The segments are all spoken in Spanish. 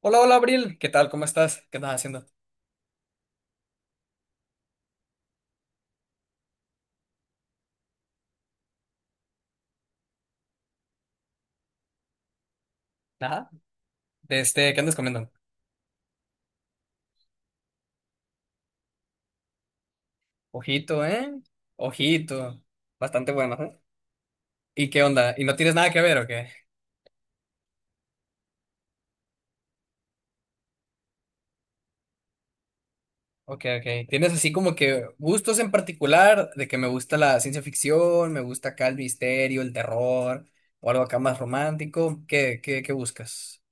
Hola, hola, Abril. ¿Qué tal? ¿Cómo estás? ¿Qué andas haciendo? Nada. ¿Qué andas comiendo? Ojito, ¿eh? Ojito. Bastante bueno, ¿eh? ¿Y qué onda? ¿Y no tienes nada que ver o qué? Ok, ok. ¿Tienes así como que gustos en particular de que me gusta la ciencia ficción, me gusta acá el misterio, el terror o algo acá más romántico? ¿Qué buscas?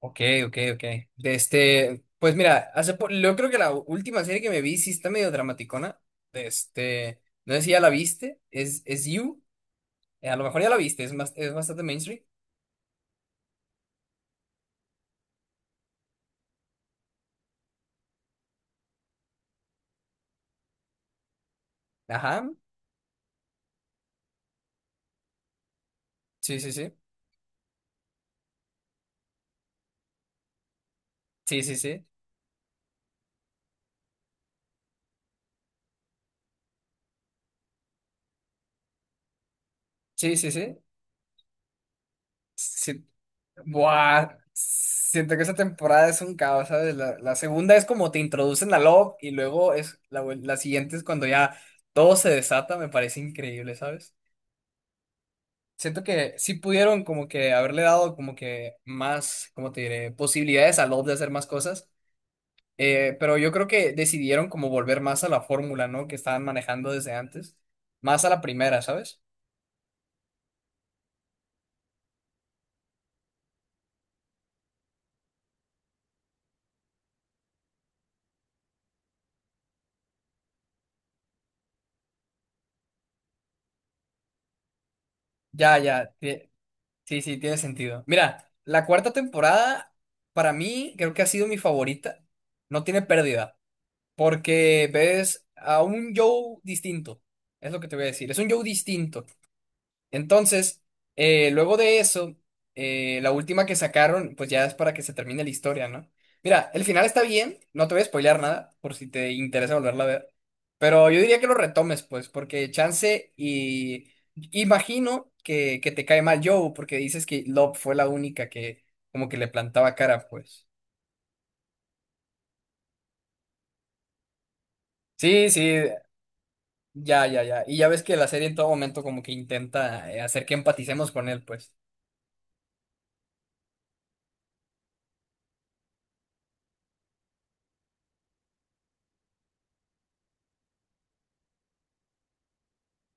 Ok, ok, ok. De pues mira, yo creo que la última serie que me vi sí está medio dramaticona. De no sé si ya la viste, es You. A lo mejor ya la viste, es más, es bastante mainstream. Ajá. Sí, sí, sí. Sí, sí, sí. Sí, sí, sí. Sí. Buah. Siento que esa temporada es un caos, ¿sabes? La segunda es como te introducen a Love y luego es la siguiente es cuando ya todo se desata, me parece increíble, ¿sabes? Siento que sí pudieron como que haberle dado como que más, como te diré? Posibilidades a Love de hacer más cosas. Pero yo creo que decidieron como volver más a la fórmula, ¿no? Que estaban manejando desde antes. Más a la primera, ¿sabes? Ya, ya. tie- Sí, sí, tiene sentido. Mira, la cuarta temporada, para mí, creo que ha sido mi favorita. No tiene pérdida. Porque ves a un Joe distinto. Es lo que te voy a decir. Es un Joe distinto. Entonces, luego de eso, la última que sacaron, pues ya es para que se termine la historia, ¿no? Mira, el final está bien, no te voy a spoilear nada, por si te interesa volverla a ver, pero yo diría que lo retomes, pues, porque chance y imagino que te cae mal Joe, porque dices que Love fue la única que como que le plantaba cara, pues. Sí, sí, ya, ya, ya. Y ya ves que la serie en todo momento como que intenta hacer que empaticemos con él, pues.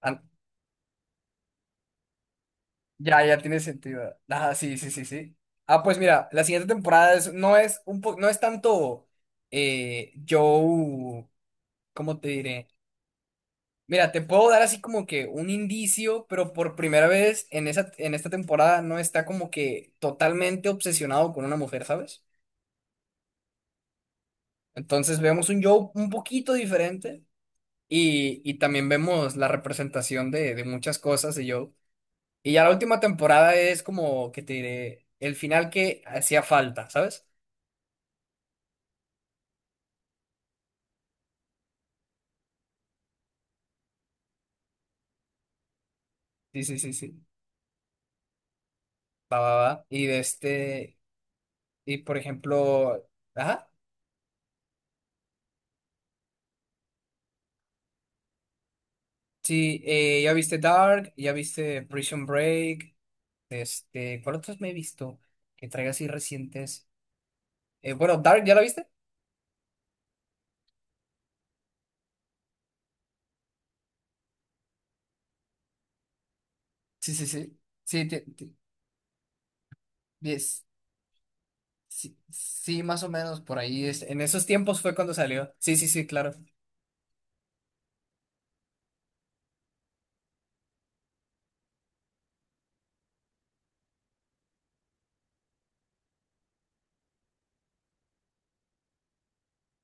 An- Ya, ya tiene sentido. Ah, sí, sí, sí, sí. Ah, pues mira, la siguiente no es un no es tanto Joe, ¿cómo te diré? Mira, te puedo dar así como que un indicio, pero por primera vez en en esta temporada no está como que totalmente obsesionado con una mujer, ¿sabes? Entonces vemos un Joe un poquito diferente y también vemos la representación de muchas cosas de Joe. Y ya la última temporada es como que te diré el final que hacía falta, ¿sabes? Sí, sí, sí, sí. Va, va, va. Y de y por ejemplo, ajá, sí, ya viste Dark, ya viste Prison Break, este, ¿cuál otros me he visto que traiga así recientes? Bueno, Dark, ¿ya la viste? Sí, sí, sí. Sí, te- te- yes. Sí, sí, más o menos por ahí. En esos tiempos fue cuando salió. Sí, sí, sí, claro.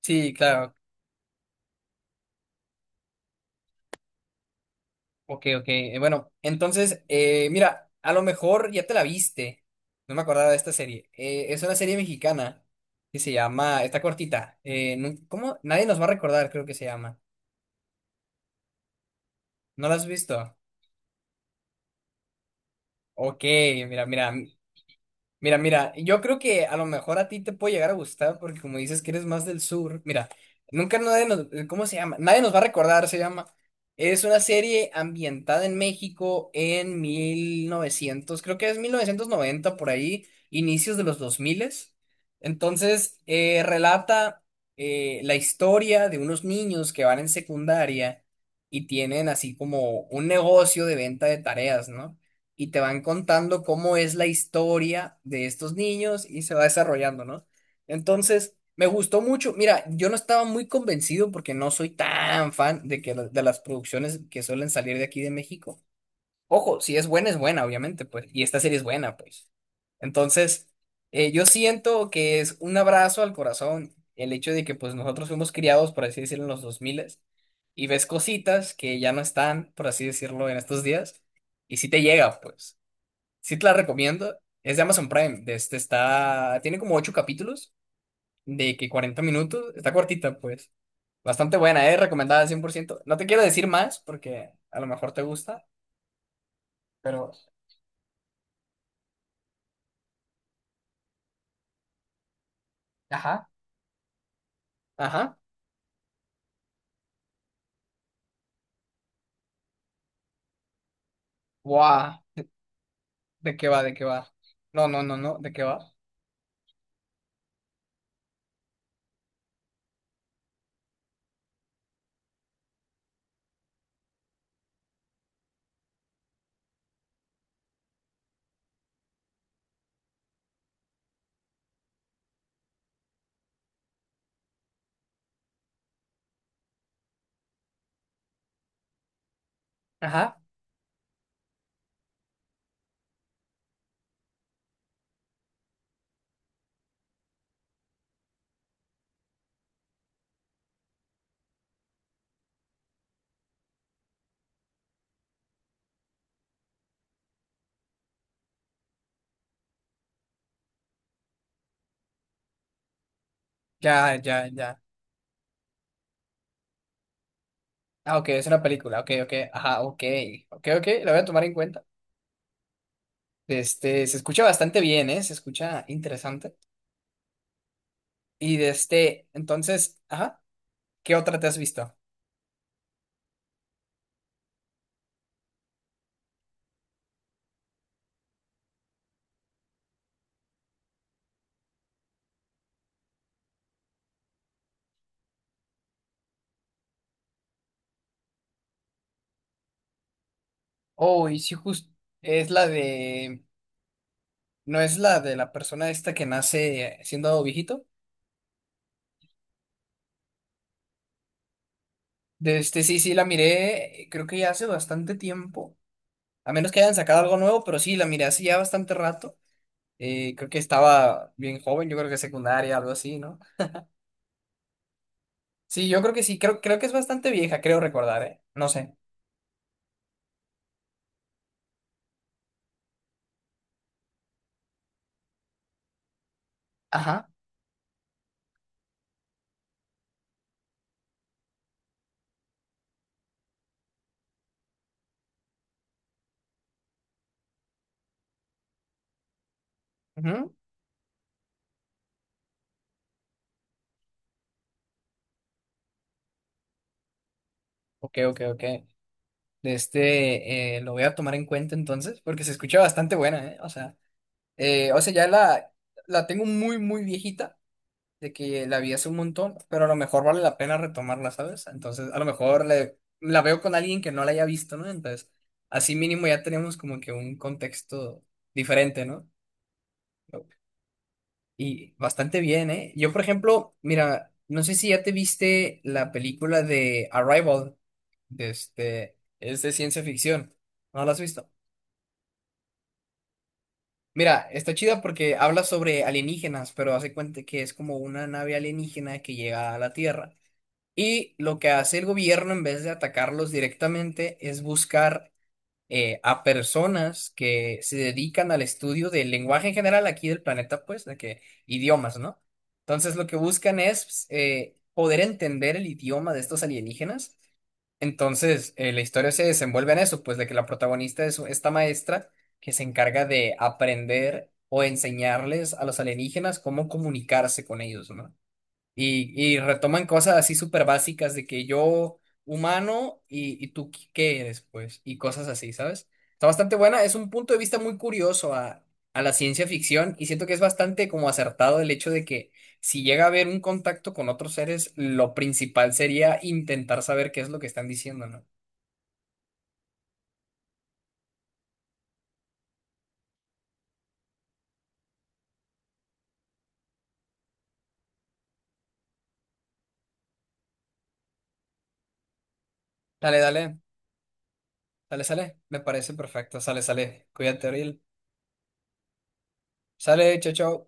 Sí, claro. Ok, ok. Bueno, entonces, mira, a lo mejor ya te la viste. No me acordaba de esta serie. Es una serie mexicana que se llama, está cortita. ¿Cómo? Nadie nos va a recordar, creo que se llama. ¿No la has visto? Ok, mira, mira. Mira, mira, yo creo que a lo mejor a ti te puede llegar a gustar porque como dices que eres más del sur, mira, nunca nadie nos, ¿cómo se llama? Nadie nos va a recordar, se llama. Es una serie ambientada en México en 1900, creo que es 1990 por ahí, inicios de los 2000. Entonces, relata la historia de unos niños que van en secundaria y tienen así como un negocio de venta de tareas, ¿no? Y te van contando cómo es la historia de estos niños y se va desarrollando, ¿no? Entonces, me gustó mucho. Mira, yo no estaba muy convencido porque no soy tan fan de que de las producciones que suelen salir de aquí de México. Ojo, si es buena, es buena, obviamente, pues, y esta serie es buena, pues. Entonces, yo siento que es un abrazo al corazón el hecho de que, pues, nosotros fuimos criados, por así decirlo, en los 2000 y ves cositas que ya no están, por así decirlo, en estos días, y sí te llega, pues. Sí te la recomiendo. Es de Amazon Prime. De Este está, tiene como 8 capítulos de que 40 minutos. Está cortita, pues. Bastante buena, ¿eh? Recomendada 100%. No te quiero decir más porque a lo mejor te gusta, pero... Ajá. Ajá. Guau. ¿De qué va? ¿De qué va? No, no, no, no. ¿De qué va? Ajá. Ya, ya, ya. Ah, ok, es una película. Ok, ok. Ajá, ok. Ok, ok. La voy a tomar en cuenta. Este, se escucha bastante bien, ¿eh? Se escucha interesante. Y de este, entonces, ajá. ¿Qué otra te has visto? Oh, y sí, justo es la de. ¿No es la de la persona esta que nace siendo viejito? De sí, sí, la miré, creo que ya hace bastante tiempo. A menos que hayan sacado algo nuevo, pero sí, la miré hace ya bastante rato. Creo que estaba bien joven, yo creo que secundaria, algo así, ¿no? Sí, yo creo que sí, creo, creo que es bastante vieja, creo recordar, ¿eh? No sé. Ajá. Ujú. Ok, ok, ok. De lo voy a tomar en cuenta entonces, porque se escucha bastante buena, ¿eh? O sea. O sea, la tengo muy, muy viejita, de que la vi hace un montón, pero a lo mejor vale la pena retomarla, ¿sabes? Entonces, a lo mejor la veo con alguien que no la haya visto, ¿no? Entonces, así mínimo ya tenemos como que un contexto diferente, ¿no? Y bastante bien, ¿eh? Yo, por ejemplo, mira, no sé si ya te viste la película de Arrival, de este, es de ciencia ficción. ¿No la has visto? Mira, está chida porque habla sobre alienígenas, pero hace cuenta que es como una nave alienígena que llega a la Tierra. Y lo que hace el gobierno en vez de atacarlos directamente es buscar a personas que se dedican al estudio del lenguaje en general aquí del planeta, pues, de que idiomas, ¿no? Entonces lo que buscan es poder entender el idioma de estos alienígenas, entonces, la historia se desenvuelve en eso, pues de que la protagonista es esta maestra que se encarga de aprender o enseñarles a los alienígenas cómo comunicarse con ellos, ¿no? Y retoman cosas así súper básicas de que yo humano y tú qué eres, pues, y cosas así, ¿sabes? Está bastante buena, es un punto de vista muy curioso a la ciencia ficción y siento que es bastante como acertado el hecho de que si llega a haber un contacto con otros seres, lo principal sería intentar saber qué es lo que están diciendo, ¿no? Dale, dale, sale, sale, me parece perfecto, sale, sale, cuídate, Ariel, sale, chao, chao.